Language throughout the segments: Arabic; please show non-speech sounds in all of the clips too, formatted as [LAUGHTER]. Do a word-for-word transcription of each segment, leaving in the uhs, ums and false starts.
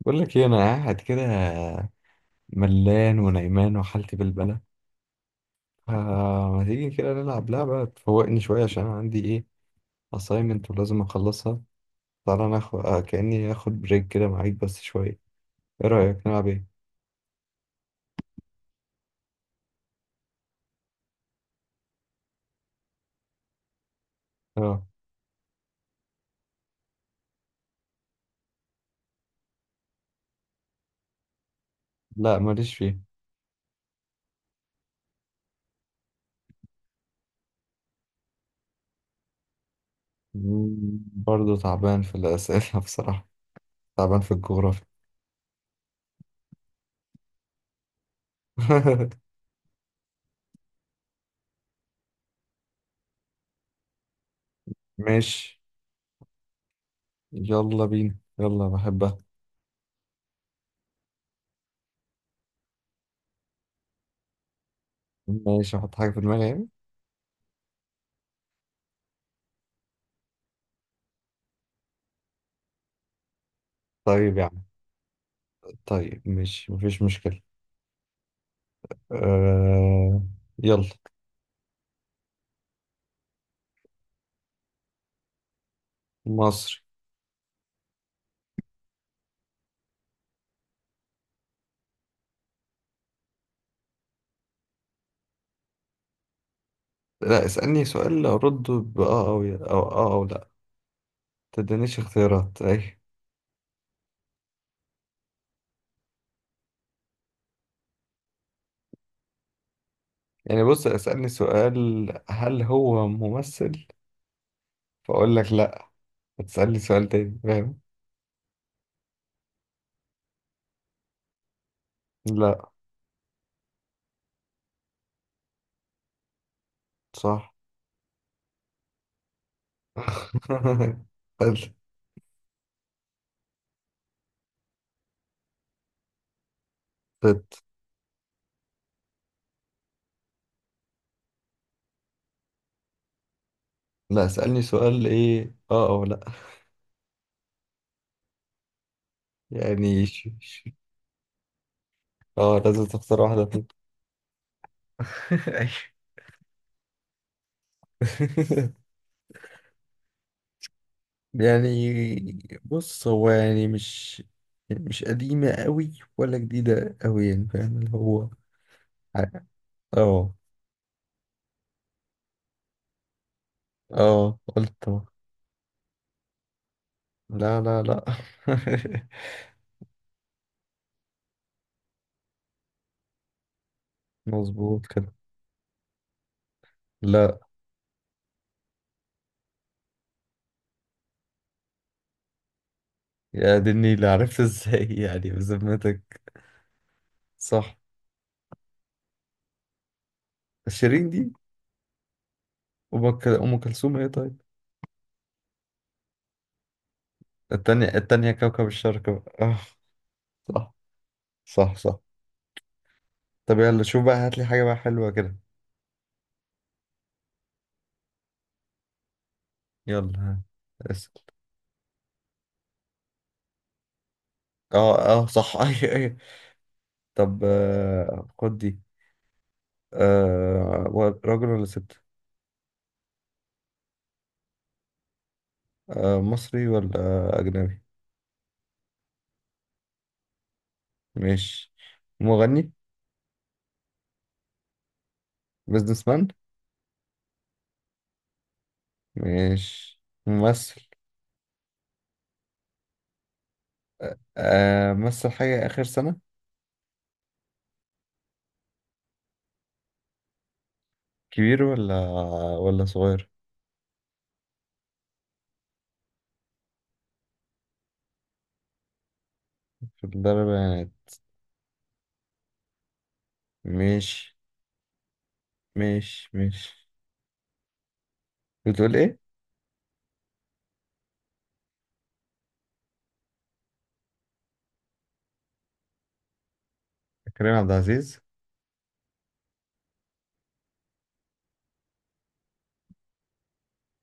بقول لك ايه، انا قاعد كده ملان ونايمان وحالتي بالبلة. فما تيجي كده نلعب لعبة تفوقني شوية؟ عشان أنا عندي ايه assignment ولازم اخلصها. تعالى ناخد آه كأني اخد بريك كده معاك بس شوية. ايه رأيك نلعب ايه؟ اه. لا ماليش فيه. مم، برضه تعبان في الأسئلة [LAUGHS] بصراحة. تعبان في الجغرافيا. [LAUGHS] ماشي. يلا بينا، يلا بحبها. ماشي، احط حاجة في دماغي يعني. طيب يا عم، طيب ماشي مفيش مشكلة. آه... يلا. مصري. لا، اسألني سؤال أرد بآه أو ي- أو آه أو لا. تدينيش اختيارات أي. يعني بص، اسألني سؤال هل هو ممثل، فأقول لك لا. هتسألني سؤال تاني، فاهم؟ لا. صح. [LAUGHS] حلو. ست. لا، اسألني سؤال إيه، آه أو لا. يعني ش... ش... آه، لازم تختار واحدة فيهم. [LAUGHS] أيوة. [LAUGHS] يعني بص، هو يعني مش مش قديمة قوي ولا جديدة قوي، يعني فاهم اللي هو. ع- اه. اه قلت أهو. لا لا لا [LAUGHS] مظبوط كده. لا. يا دي اللي عرفت ازاي [LAUGHS] يعني بذمتك؟ صح. شيرين دي. وأم كل- أم كلثوم ايه طيب؟ التانية، التانية كوكب الشرق بقى. [LAUGHS] آه، صح. صح صح طب يلا شوف بقى، هات لي حاجة بقى حلوة كده. يلا، ها، اسأل. اه اه صح. [LAUGHS] ايوه ايوه طب آه، خد دي. آه، و- راجل ولا ست؟ آه، مصري ولا أجنبي؟ ماشي. مغني؟ بيزنس مان؟ ماشي، ممثل. آه، مثل حاجة آخر سنة؟ كبير ولا ولا صغير؟ في الأربعينات. ماشي ماشي ماشي. بتقول إيه؟ كريم عبد العزيز.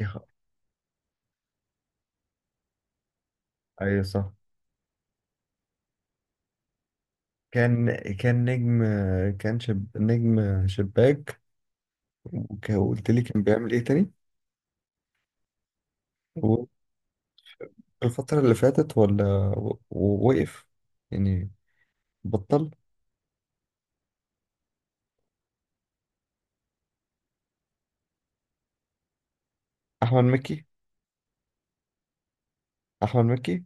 يا خ- أيوة صح. كان كان نجم. كان شب... نجم شباك. وك- وقلت لي كان بيعمل إيه تاني؟ الفترة اللي فاتت، ولا و- ووقف يعني، بطل؟ أحمد مكي. أحمد مكي.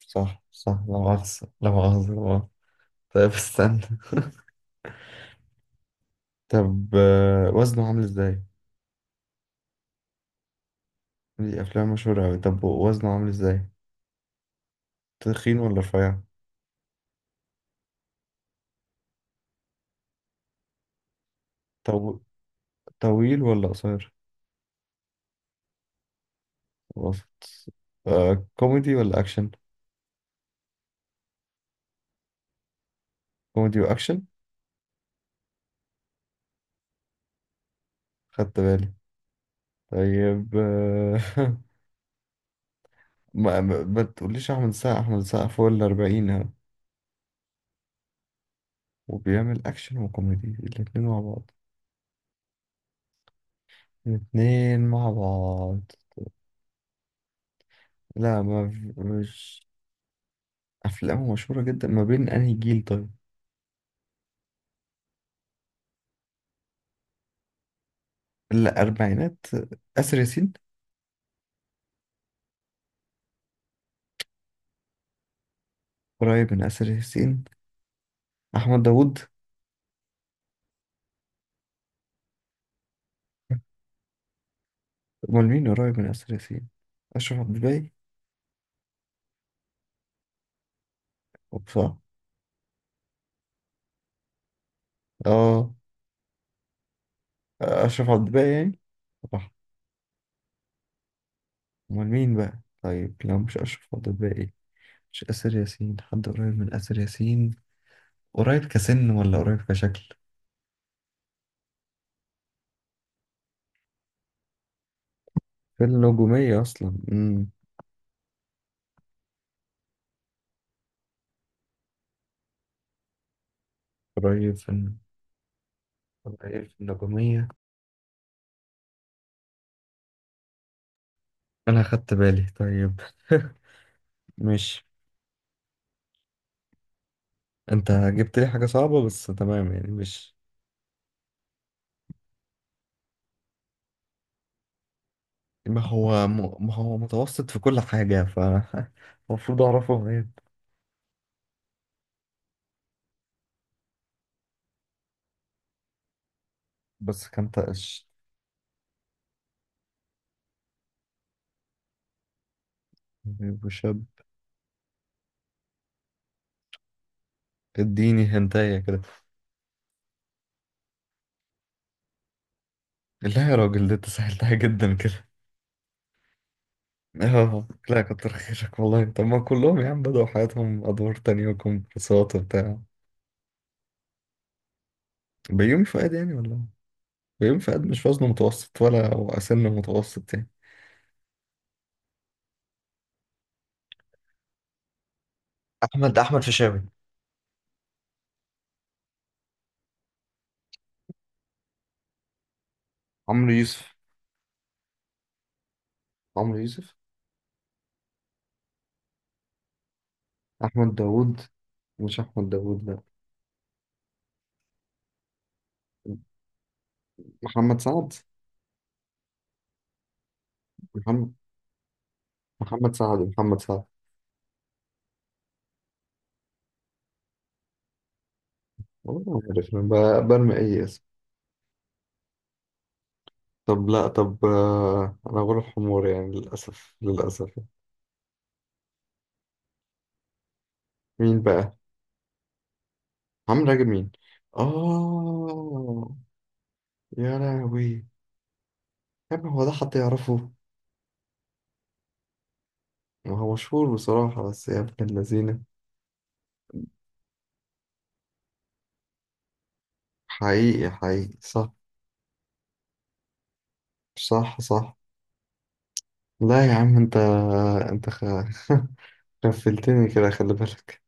صح صح، لا مؤاخذة لا مؤاخذة لا مؤاخذة. طيب استنى. طب آه، وزنه عامل ازاي؟ دي أفلام مشهورة أوي. طب وزنه عامل ازاي؟ تخين ولا رفيع؟ طو... طويل ولا قصير؟ وسط. آه، كوميدي ولا أكشن؟ كوميدي وأكشن؟ خدت بالي. طيب آه، [LAUGHS] ما ما ما تقوليش أحمد السقا. أحمد السقا فوق الأربعين وبيعمل أكشن وكوميدي الاتنين مع بعض، الاتنين مع بعض. لا ما في- مش. أفلامه مشهورة جدا. ما بين أنهي جيل طيب؟ الأربعينات. آسر ياسين. قريب من آسر ياسين. أحمد داوود. أمال مين قريب من آسر ياسين؟ أشرف عبد الباقي. صح. آه، أشرف عبد الباقي يعني. صح. أمال مين بقى طيب لو مش أشرف عبد الباقي؟ مش آسر ياسين، حد قريب من آسر ياسين. قريب كسن ولا قريب كشكل؟ في النجومية أصلا. امم قريب في الن- قريب في النجومية. أنا خدت بالي طيب. [LAUGHS] مش، أنت جبت لي حاجة صعبة بس تمام، يعني مش. ما هو م... ما هو متوسط في كل حاجة ف [LAUGHS] المفروض أعرفه غير. بس كان تقش. طيب وشاب. اديني هنتاية كده. لا يا راجل، ده أنت سهلتها جدا كده. [LAUGHS] اه لا، كتر خيرك والله. طب ما كلهم يا عم بدأوا حياتهم أدوار تانية وكمبرسات وبتاع. بيومي فؤاد يعني، ولا بيوم فؤاد مش وزنه متوسط ولا هو سن متوسط يعني. احمد احمد فشاوي. عمرو يوسف. عمرو يوسف. احمد داوود. مش احمد داوود، لا. محمد سعد. محمد، محمد سعد محمد سعد. والله ما عارف، أنا ب- برمي اي اسم. طب لا، طب آه، انا غلب حمار يعني، للاسف للاسف. مين بقى؟ عمرو راجب؟ مين؟ اه. يا لهوي. يا ابني هو ده حد يعرفه؟ ما هو مشهور بصراحة بس، يا ابن اللذينة. حقيقي حقيقي صح. صح صح. لا يا عم انت، انت خ... [LAUGHS] غفلتني كده، خلي بالك.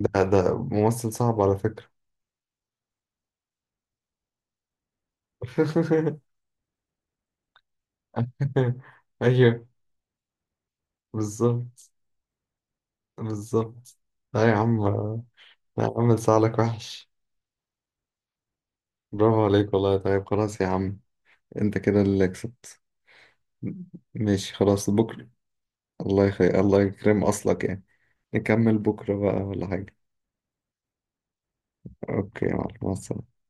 ده ده ممثل صعب على فكرة. [LAUGHS] ايوه. بالظبط بالظبط. لا يا عم، لا يا عم، لسعلك وحش. برافو عليك والله. طيب خلاص يا عم، انت كده اللي كسبت. ماشي خلاص بكرة. الله يخي، الله يكرم اصلك يعني. نكمل بكرة بقى ولا حاجة. اوكي يا معلم، مع السلامة.